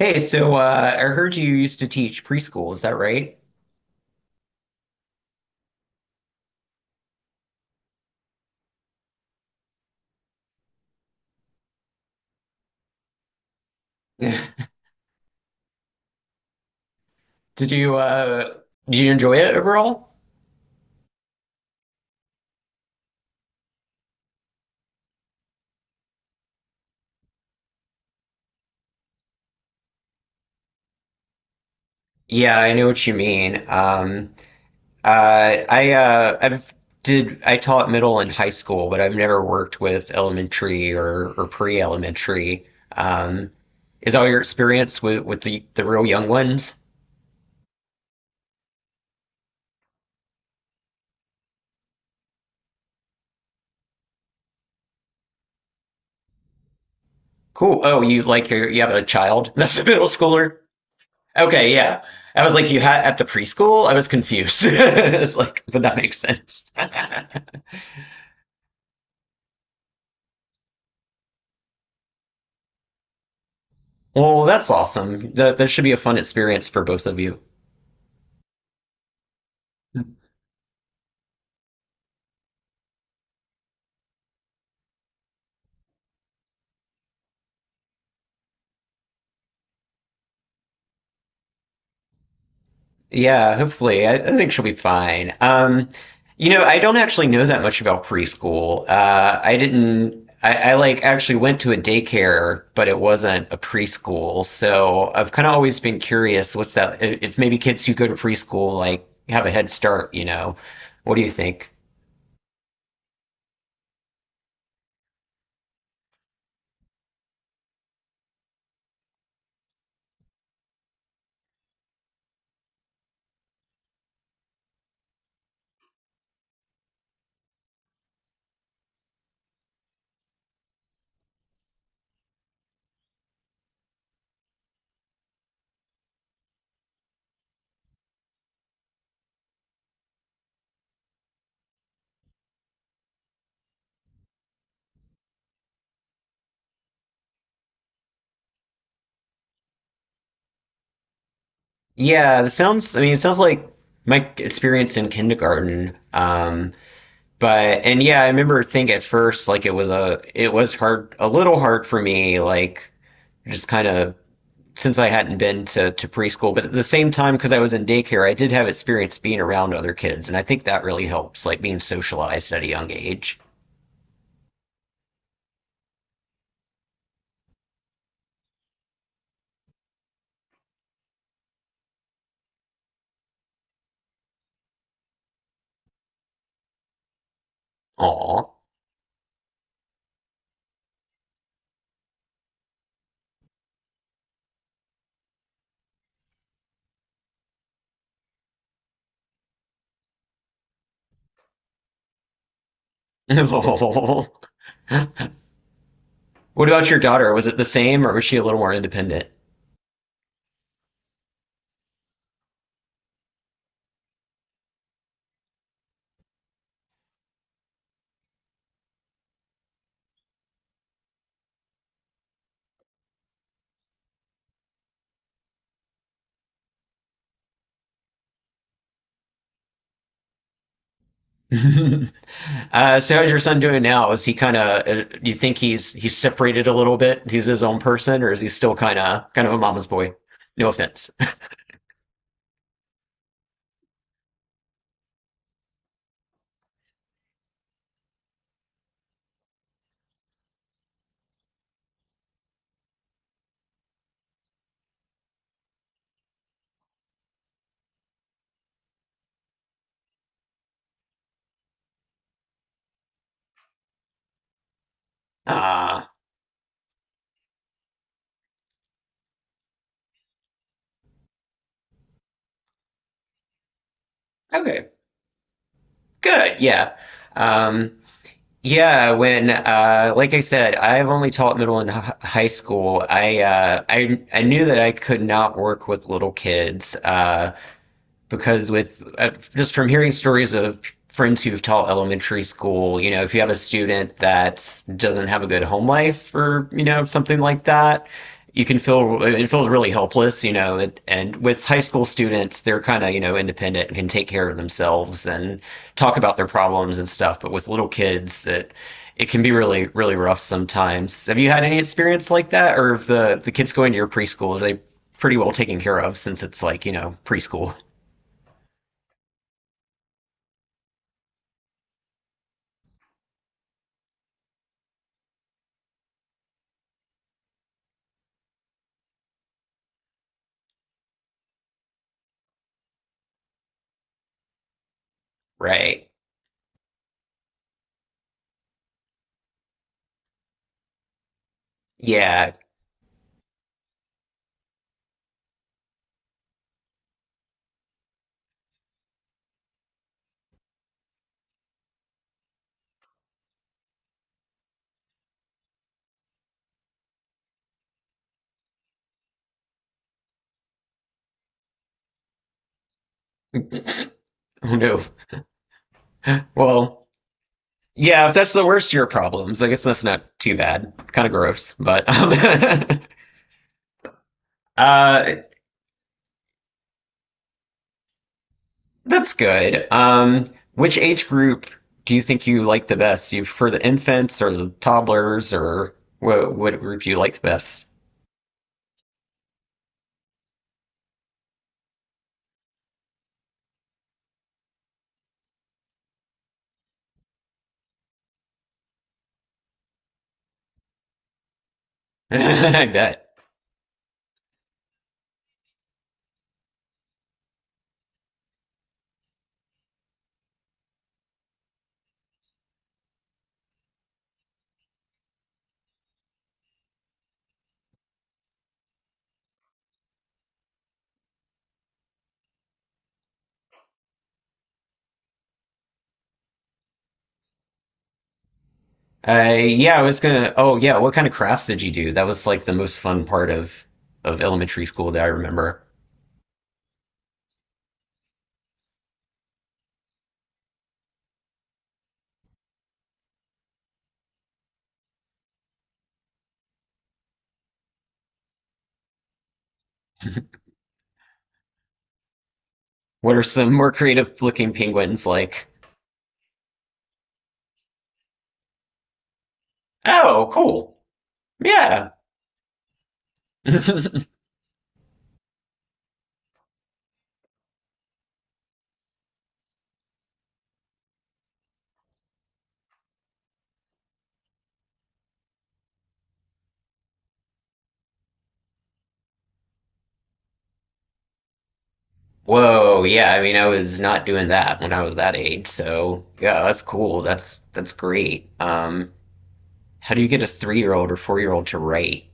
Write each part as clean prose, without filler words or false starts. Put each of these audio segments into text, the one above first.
Hey, I heard you used to teach preschool, is that right? Did you uh, did you enjoy it overall? Yeah, I know what you mean. I I've did I taught middle and high school, but I've never worked with elementary or pre-elementary. Um, is all your experience with the real young ones? Cool. Oh, you you have a child that's a middle schooler? Okay, yeah. I was like, you had at the preschool? I was confused. It's like, but that makes sense. Well, that's awesome. That should be a fun experience for both of you. Yeah, hopefully. I think she'll be fine. I don't actually know that much about preschool. I didn't. I like actually went to a daycare, but it wasn't a preschool. So I've kind of always been curious. What's that? If maybe kids who go to preschool like have a head start, you know? What do you think? Yeah, it sounds, I mean, it sounds like my experience in kindergarten. But, and yeah, I remember think at first, like it was hard, a little hard for me, like just kind of since I hadn't been to preschool. But at the same time, because I was in daycare, I did have experience being around other kids. And I think that really helps, like being socialized at a young age. Aw. What about your daughter? Was it the same or was she a little more independent? So how's your son doing now? Is he kind of? You think he's separated a little bit? He's his own person, or is he still kind of a mama's boy? No offense. Ah, okay, good, yeah, um, yeah. When, like I said, I've only taught middle and high school. I knew that I could not work with little kids. Because with just from hearing stories of friends who've taught elementary school, you know, if you have a student that doesn't have a good home life or you know something like that, you can feel it feels really helpless, you know. And with high school students, they're kind of you know independent and can take care of themselves and talk about their problems and stuff. But with little kids, it can be really really rough sometimes. Have you had any experience like that, or if the kids going to your preschool, are they pretty well taken care of since it's like you know preschool? Right. Yeah. oh no. Well, yeah, if that's the worst of your problems, I guess that's not too bad. Kind of gross, but uh, that's good. Which age group do you think you like the best? Do you prefer the infants or the toddlers, or what group do you like the best? I bet. Yeah, I was gonna. Oh, yeah. What kind of crafts did you do? That was like the most fun part of elementary school that I remember. What are some more creative looking penguins like? Oh, cool. Yeah. Whoa, yeah, I mean, I was not doing that when I was that age, so yeah, that's cool. That's great. How do you get a three-year-old or four-year-old to write?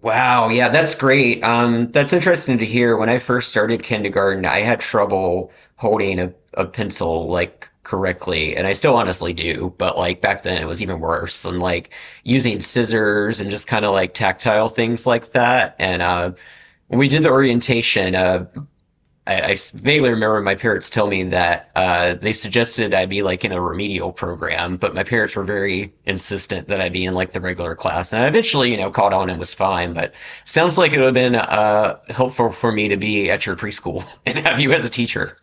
Wow, yeah, that's great. That's interesting to hear. When I first started kindergarten, I had trouble holding a pencil like correctly, and I still honestly do, but like back then it was even worse. And like using scissors and just kind of like tactile things like that. And when we did the orientation, I vaguely remember my parents telling me that they suggested I be like in a remedial program, but my parents were very insistent that I be in like the regular class. And I eventually, you know, caught on and was fine. But sounds like it would have been helpful for me to be at your preschool and have you as a teacher.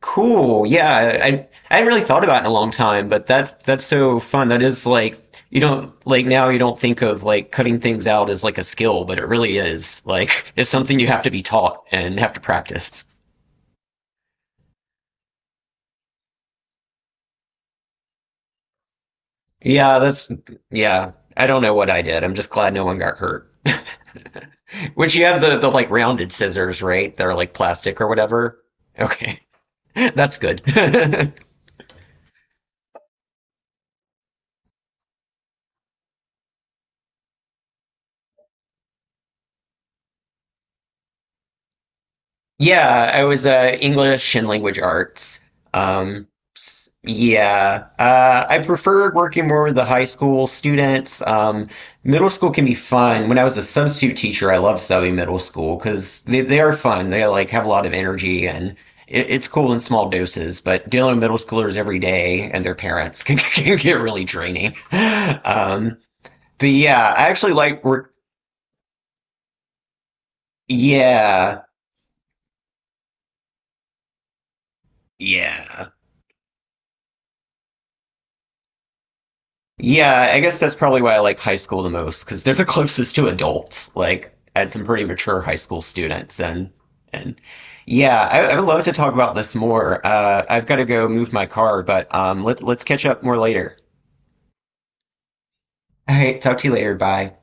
Cool. Yeah, I hadn't really thought about it in a long time, but that's so fun. That is like you don't like now you don't think of like cutting things out as like a skill, but it really is. Like it's something you have to be taught and have to practice. Yeah, that's yeah. I don't know what I did. I'm just glad no one got hurt. Which you have the like rounded scissors, right? They're like plastic or whatever. Okay. That's good. Yeah, I was English and language arts. Um, yeah, I preferred working more with the high school students. Middle school can be fun. When I was a substitute teacher, I loved subbing middle school because they are fun. They like have a lot of energy and it's cool in small doses. But dealing with middle schoolers every day and their parents can get really draining. Um, but yeah, I actually like work. Yeah, yeah. Yeah, I guess that's probably why I like high school the most because they're the closest to adults. Like, I had some pretty mature high school students, and yeah, I would love to talk about this more. I've got to go move my car, but let's catch up more later. All right, talk to you later. Bye.